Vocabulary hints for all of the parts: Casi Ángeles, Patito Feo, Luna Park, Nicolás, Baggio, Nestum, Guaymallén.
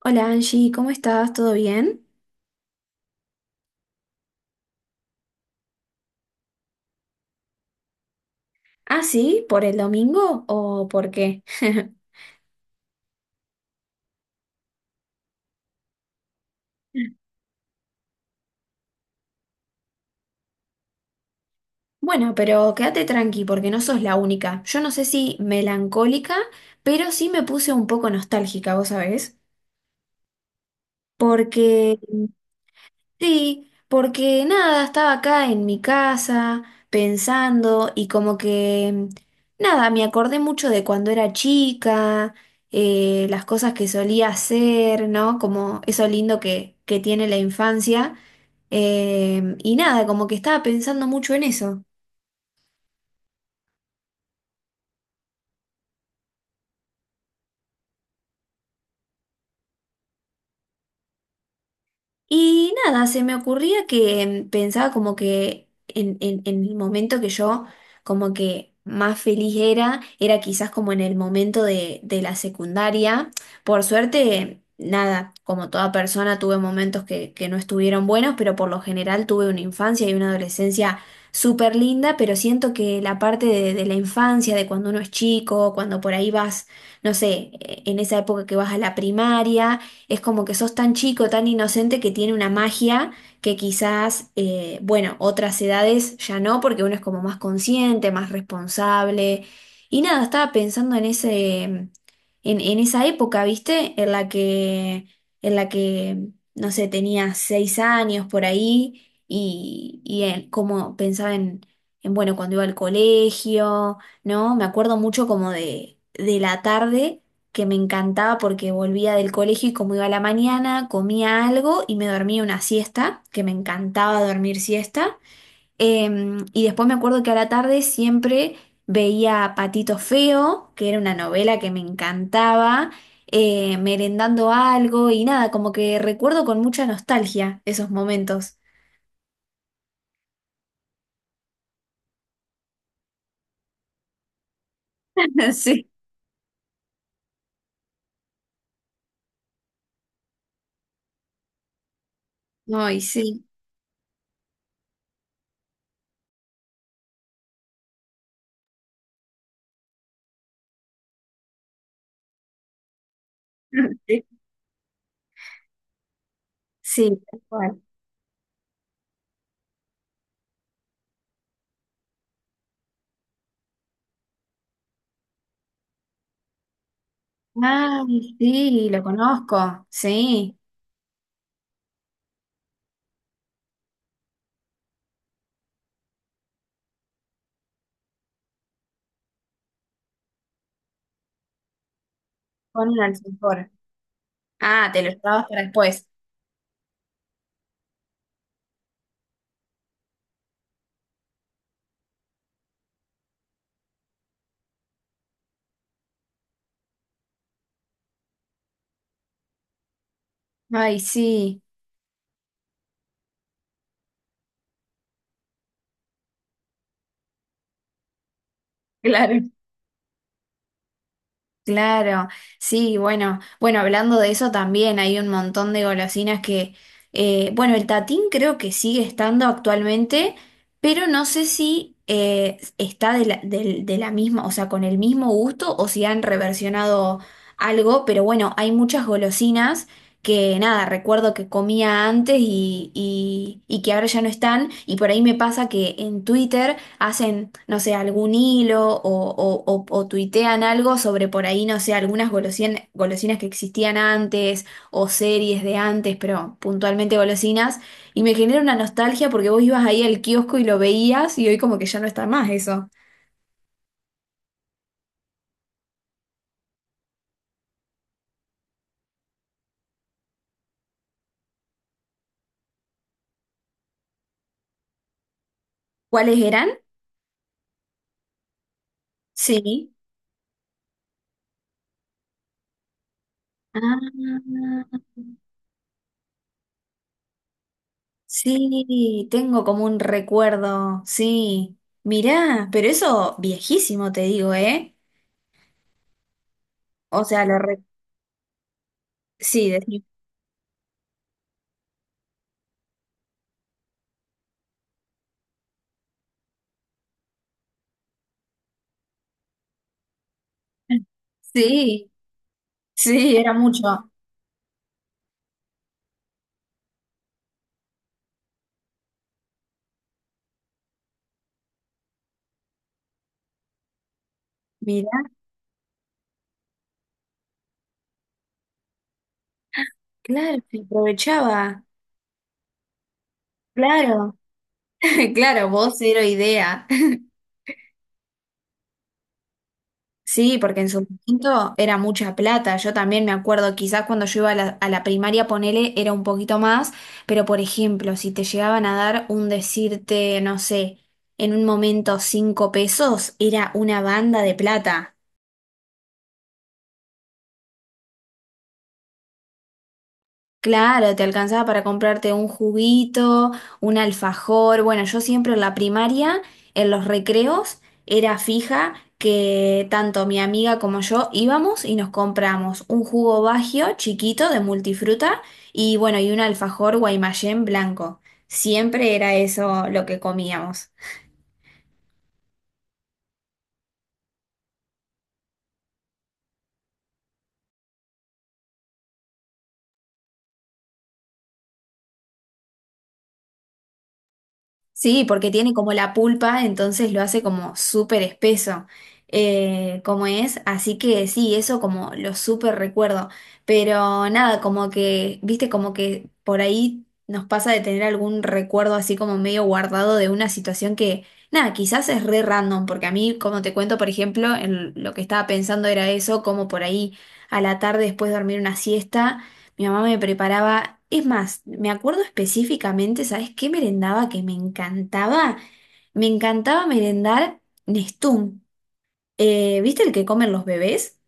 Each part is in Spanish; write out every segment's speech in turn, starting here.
Hola Angie, ¿cómo estás? ¿Todo bien? Ah, sí, ¿por el domingo o por qué? Bueno, pero quédate tranqui porque no sos la única. Yo no sé si melancólica, pero sí me puse un poco nostálgica, ¿vos sabés? Porque sí, porque nada, estaba acá en mi casa pensando y como que nada, me acordé mucho de cuando era chica, las cosas que solía hacer, ¿no? Como eso lindo que tiene la infancia. Y nada, como que estaba pensando mucho en eso. Y nada, se me ocurría que pensaba como que en el momento que yo como que más feliz era, era quizás como en el momento de la secundaria. Por suerte, nada, como toda persona tuve momentos que no estuvieron buenos, pero por lo general tuve una infancia y una adolescencia súper linda, pero siento que la parte de la infancia, de cuando uno es chico, cuando por ahí vas, no sé, en esa época que vas a la primaria es como que sos tan chico, tan inocente que tiene una magia que quizás, bueno, otras edades ya no, porque uno es como más consciente, más responsable. Y nada, estaba pensando en en esa época, ¿viste? En la que, no sé, tenía 6 años por ahí y como pensaba bueno, cuando iba al colegio, ¿no? Me acuerdo mucho como de la tarde que me encantaba porque volvía del colegio y como iba a la mañana, comía algo y me dormía una siesta, que me encantaba dormir siesta. Y después me acuerdo que a la tarde siempre veía Patito Feo, que era una novela que me encantaba, merendando algo y nada, como que recuerdo con mucha nostalgia esos momentos. Sí, ay, sí. Sí, sí, tal cual. Ay, sí, lo conozco, sí, con un alfajor. Ah, te lo llevabas para después. Ay, sí, claro, claro. Sí, bueno, bueno, hablando de eso también hay un montón de golosinas que, bueno, el tatín creo que sigue estando actualmente, pero no sé si está de la misma, o sea, con el mismo gusto o si han reversionado algo, pero bueno, hay muchas golosinas que nada, recuerdo que comía antes y que ahora ya no están, y por ahí me pasa que en Twitter hacen, no sé, algún hilo o tuitean algo sobre por ahí, no sé, algunas golosinas que existían antes o series de antes, pero puntualmente golosinas, y me genera una nostalgia porque vos ibas ahí al kiosco y lo veías y hoy como que ya no está más eso. ¿Cuáles eran? Sí. Ah. Sí, tengo como un recuerdo, sí. Mirá, pero eso viejísimo te digo, ¿eh? O sea, sí, sí, sí, era mucho. Mirá, claro, se aprovechaba, claro, claro, vos cero idea. Sí, porque en su momento era mucha plata. Yo también me acuerdo, quizás cuando yo iba a la primaria, ponele, era un poquito más, pero por ejemplo, si te llegaban a dar un decirte, no sé, en un momento 5 pesos, era una banda de plata. Claro, te alcanzaba para comprarte un juguito, un alfajor. Bueno, yo siempre en la primaria, en los recreos, era fija que tanto mi amiga como yo íbamos y nos compramos un jugo Baggio chiquito de multifruta y bueno, y un alfajor Guaymallén blanco. Siempre era eso lo que comíamos. Sí, porque tiene como la pulpa, entonces lo hace como súper espeso, como es, así que sí, eso como lo súper recuerdo, pero nada, como que, viste, como que por ahí nos pasa de tener algún recuerdo así como medio guardado de una situación que, nada, quizás es re random, porque a mí, como te cuento, por ejemplo, en lo que estaba pensando era eso, como por ahí a la tarde después de dormir una siesta. Mi mamá me preparaba, es más, me acuerdo específicamente, ¿sabes qué merendaba que me encantaba? Me encantaba merendar Nestum. ¿Viste el que comen los bebés?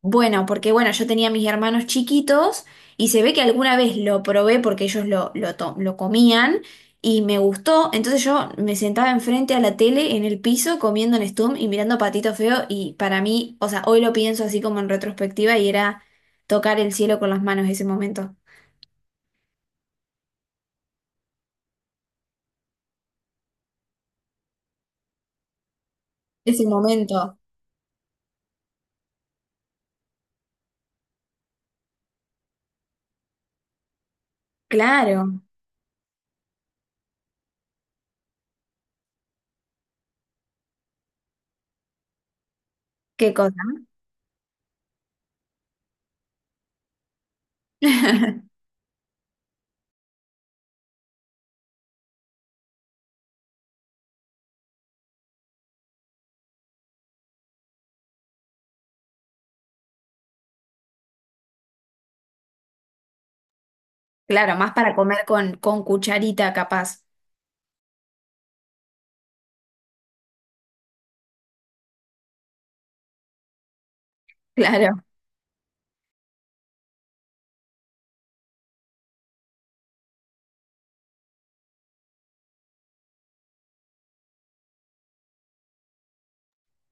Bueno, porque bueno, yo tenía mis hermanos chiquitos y se ve que alguna vez lo probé porque ellos lo comían y me gustó. Entonces yo me sentaba enfrente a la tele en el piso comiendo Nestum y mirando Patito Feo y para mí, o sea, hoy lo pienso así como en retrospectiva y era tocar el cielo con las manos ese momento. Ese momento. Claro, qué cosa. Claro, más para comer con cucharita capaz. Claro.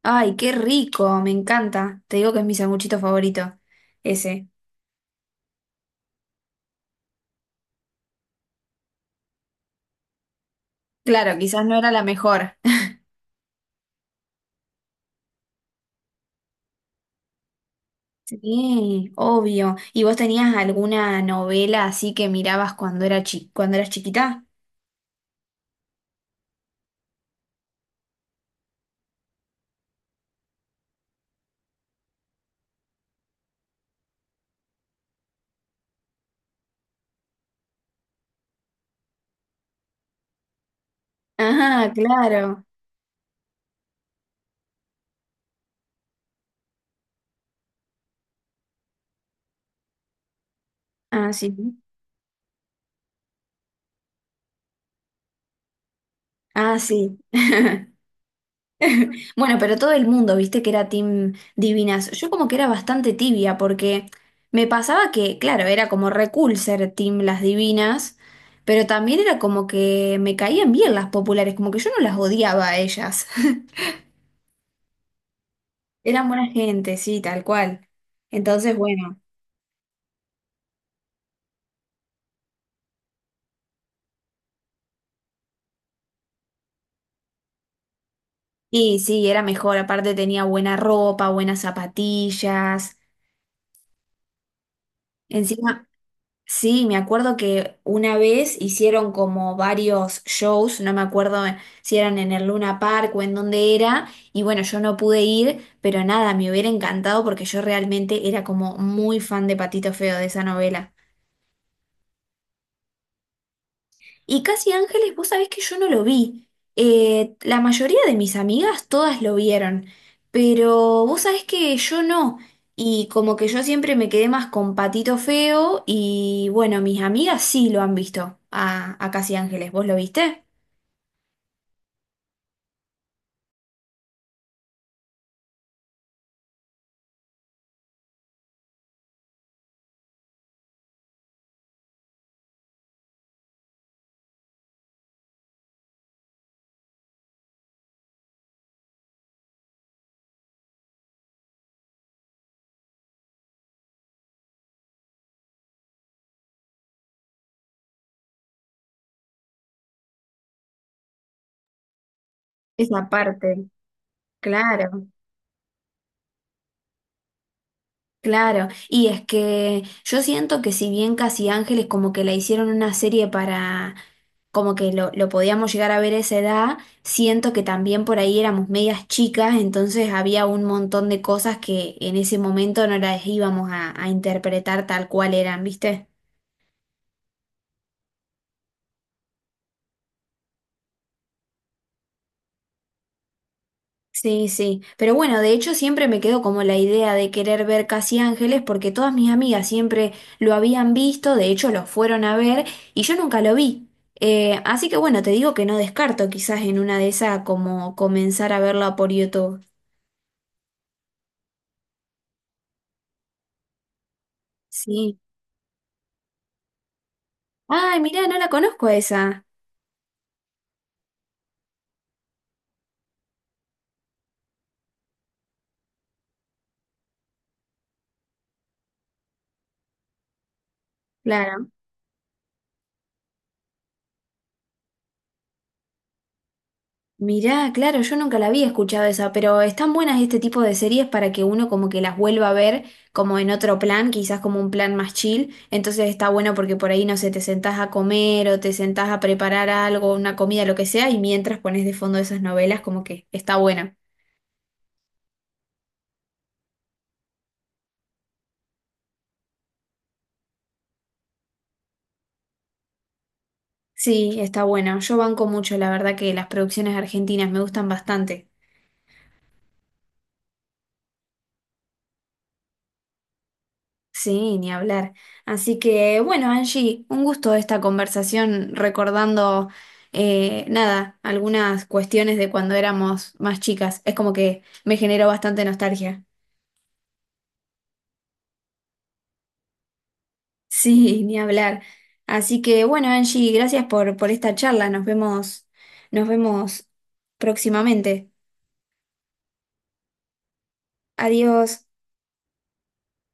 Ay, qué rico, me encanta. Te digo que es mi sanguchito favorito, ese. Claro, quizás no era la mejor. Sí, obvio. ¿Y vos tenías alguna novela así que mirabas cuando era cuando eras chiquita? Ah, claro. Ah, sí. Ah, sí. Bueno, pero todo el mundo, viste que era Team Divinas. Yo como que era bastante tibia porque me pasaba que, claro, era como re cool ser Team Las Divinas, pero también era como que me caían bien las populares, como que yo no las odiaba a ellas. Eran buena gente, sí, tal cual. Entonces, bueno, y sí, era mejor. Aparte tenía buena ropa, buenas zapatillas. Encima, sí, me acuerdo que una vez hicieron como varios shows, no me acuerdo si eran en el Luna Park o en dónde era, y bueno, yo no pude ir, pero nada, me hubiera encantado porque yo realmente era como muy fan de Patito Feo de esa novela. Y Casi Ángeles, vos sabés que yo no lo vi. La mayoría de mis amigas todas lo vieron, pero vos sabés que yo no. Y como que yo siempre me quedé más con Patito Feo y bueno, mis amigas sí lo han visto a Casi Ángeles. ¿Vos lo viste? Esa parte, claro, claro. Y es que yo siento que si bien Casi Ángeles como que la hicieron una serie para como que lo podíamos llegar a ver a esa edad, siento que también por ahí éramos medias chicas, entonces había un montón de cosas que en ese momento no las íbamos a interpretar tal cual eran, ¿viste? Sí, sí, pero bueno, de hecho siempre me quedó como la idea de querer ver Casi Ángeles porque todas mis amigas siempre lo habían visto, de hecho lo fueron a ver y yo nunca lo vi. Así que bueno, te digo que no descarto quizás en una de esas como comenzar a verla por YouTube. Sí. Ay, mirá, no la conozco esa. Claro. Mirá, claro, yo nunca la había escuchado esa, pero están buenas este tipo de series para que uno como que las vuelva a ver como en otro plan, quizás como un plan más chill. Entonces está bueno porque por ahí, no sé, te sentás a comer o te sentás a preparar algo, una comida, lo que sea, y mientras pones de fondo esas novelas, como que está buena. Sí, está buena. Yo banco mucho, la verdad que las producciones argentinas me gustan bastante. Sí, ni hablar. Así que bueno, Angie, un gusto esta conversación recordando, nada, algunas cuestiones de cuando éramos más chicas. Es como que me generó bastante nostalgia. Sí, ni hablar. Así que bueno, Angie, gracias por esta charla. Nos vemos próximamente. Adiós.